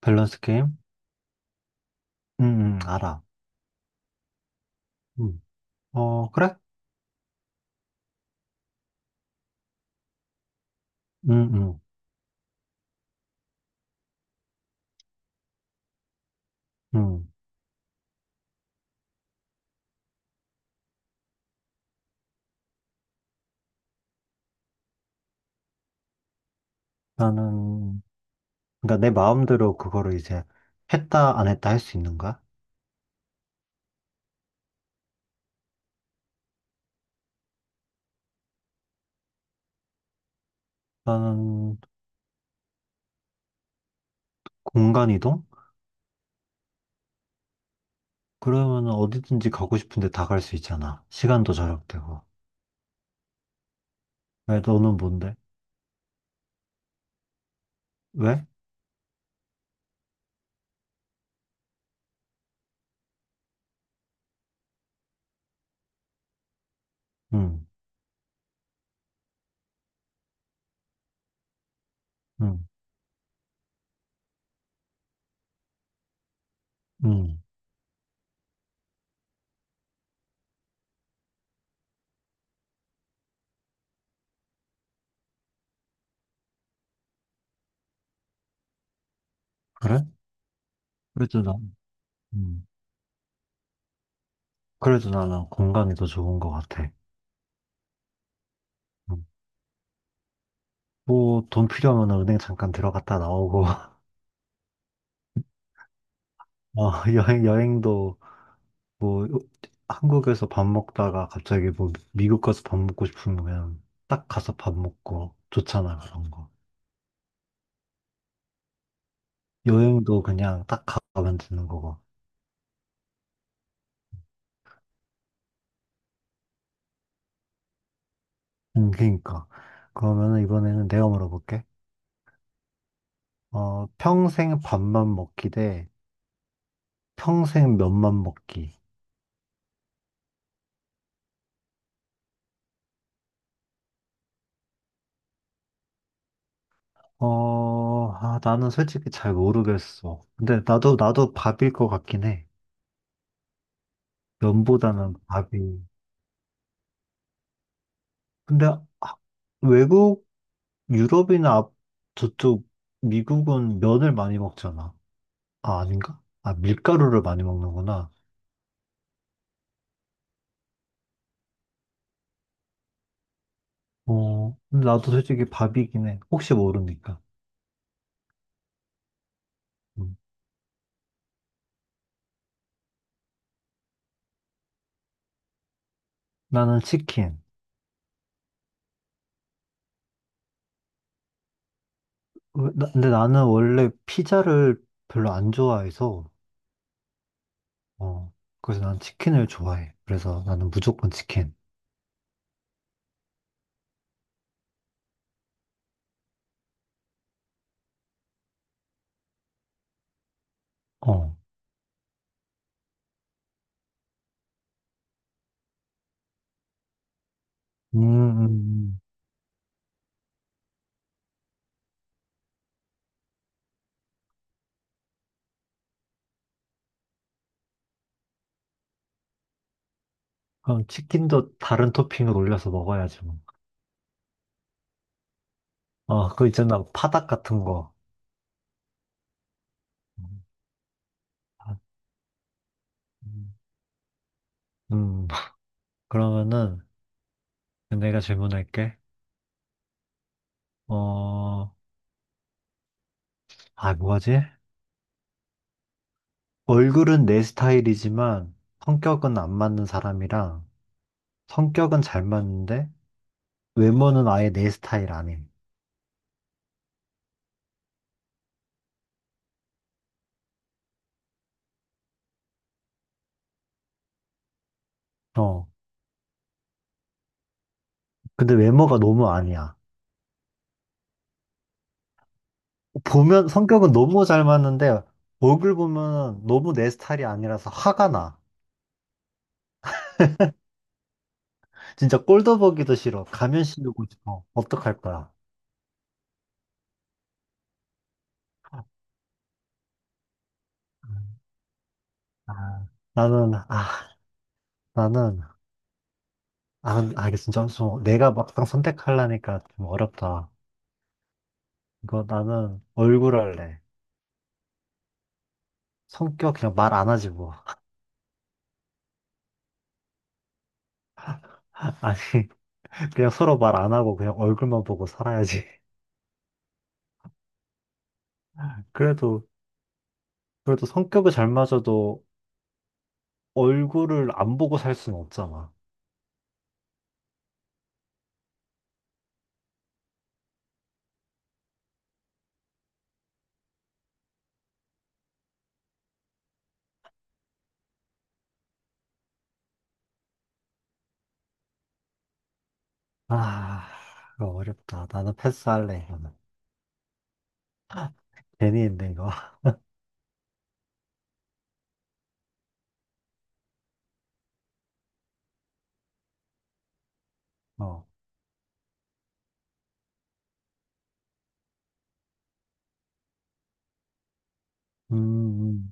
밸런스 게임? 응, 응, 알아. 응. 어, 그래? 응, 응, 응. 나는, 그러니까 내 마음대로 그거를 이제 했다, 안 했다 할 수 있는 거야? 나는 공간 이동? 그러면 어디든지 가고 싶은데 다 갈 수 있잖아. 시간도 절약되고. 왜, 너는 뭔데? 왜? 응, 응, 응. 그래? 그래도 나, 응. 그래도 나는 공간이 더 좋은 것 같아. 음. 뭐, 돈 필요하면 은행 잠깐 들어갔다 나오고, 어, 여행도 뭐 한국에서 밥 먹다가 갑자기 뭐 미국 가서 밥 먹고 싶으면 딱 가서 밥 먹고 좋잖아 그런 거. 여행도 그냥 딱 가면 되는 거고. 그러니까 그러면은 이번에는 내가 물어볼게. 어, 평생 밥만 먹기 대 평생 면만 먹기. 어, 아, 나는 솔직히 잘 모르겠어. 근데 나도 밥일 것 같긴 해. 면보다는 밥이. 근데 아, 외국 유럽이나 저쪽 미국은 면을 많이 먹잖아. 아, 아닌가? 아, 밀가루를 많이 먹는구나. 어, 근데 나도 솔직히 밥이긴 해. 혹시 모르니까. 음. 나는 치킨. 근데 나는 원래 피자를 별로 안 좋아해서, 어, 그래서 난 치킨을 좋아해. 그래서 나는 무조건 치킨. 어, 음, 음, 음. 그럼 치킨도 다른 토핑을 올려서 먹어야지 뭐. 어, 그거 있잖아. 파닭 같은 거. 음, 아, 음. 음. 그러면은 내가 질문할게. 어, 아, 뭐하지? 얼굴은 내 스타일이지만 성격은 안 맞는 사람이랑 성격은 잘 맞는데 외모는 아예 내 스타일 아님. 어, 근데 외모가 너무 아니야. 보면 성격은 너무 잘 맞는데 얼굴 보면 너무 내 스타일이 아니라서 화가 나. 진짜 꼴도 보기도 싫어. 가면 씌우고 싶어. 어떡할 거야? 아, 나는, 나는 아, 이게 진짜 엄청, 내가 막상 선택하려니까 좀 어렵다. 이거 나는 얼굴 할래. 성격 그냥 말 안 하지 뭐. 아니, 그냥 서로 말 안 하고 그냥 얼굴만 보고 살아야지. 그래도, 그래도 성격이 잘 맞아도 얼굴을 안 보고 살 수는 없잖아. 아, 이거 어렵다. 나는 패스할래, 이거는. 괜히 했네, 이거. 어. 음,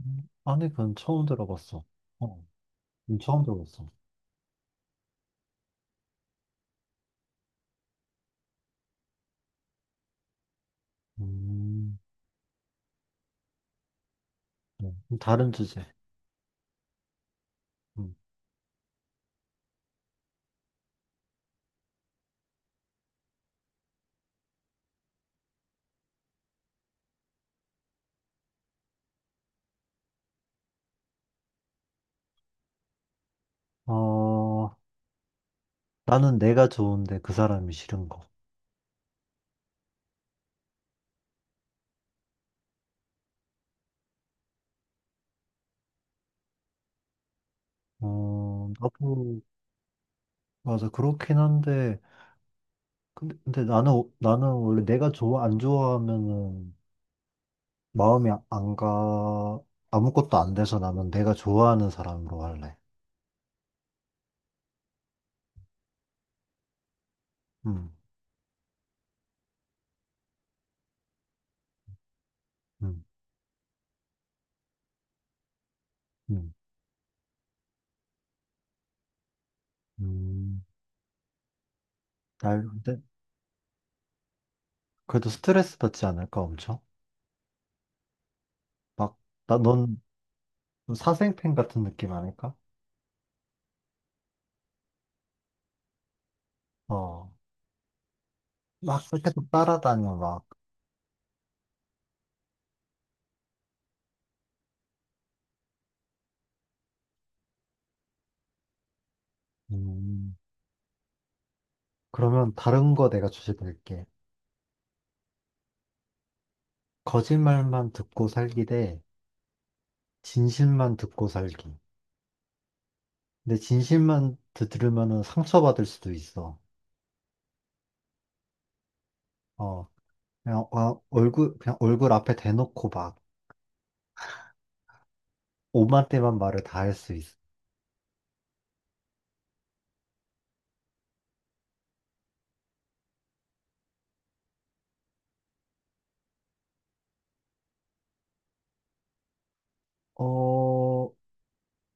아니, 그건 처음 들어봤어. 어, 처음 들어봤어. 음, 다른 주제. 음. 어, 나는 내가 좋은데 그 사람이 싫은 거. 어, 나도, 맞아. 그렇긴 한데, 근데 나는 원래 내가 안 좋아하면은 마음이 안 가, 아무것도 안 돼서 나는 내가 좋아하는 사람으로 할래. 음, 음, 음, 음. 날, 근데, 그래도 스트레스 받지 않을까, 엄청? 막, 나, 넌 사생팬 같은 느낌 아닐까? 어, 막 계속 따라다녀, 막. 음, 그러면 다른 거 내가 주제 드릴게. 거짓말만 듣고 살기 대 진실만 듣고 살기. 근데 진실만 들으면은 상처받을 수도 있어. 어, 그냥 얼굴 앞에 대놓고 막 오만때만 말을 다 할 수 있어. 어,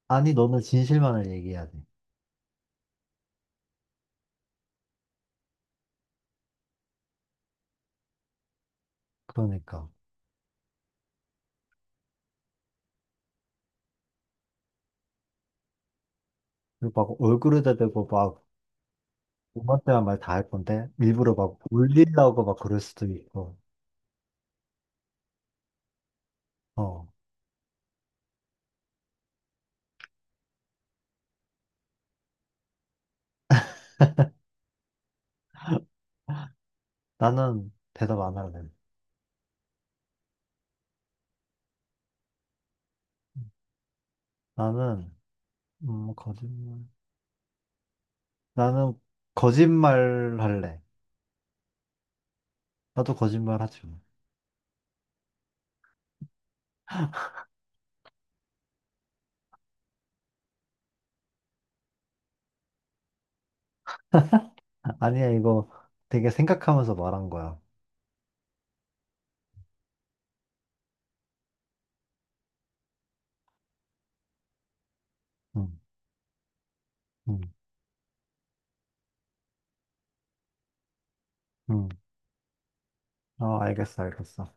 아니, 너는 진실만을 얘기해야 돼. 그러니까. 그리고 막 얼굴에다 대고 막 오만때만 말 다 할 건데, 일부러 막 울리려고 막 그럴 수도 있고. 어, 나는 대답 안 할래. 나는, 거짓말. 나는 거짓말 할래. 나도 거짓말 하지. 뭐. 아니야, 이거 되게 생각하면서 말한 거야. 응, 응, 응. 어, 알겠어, 알겠어.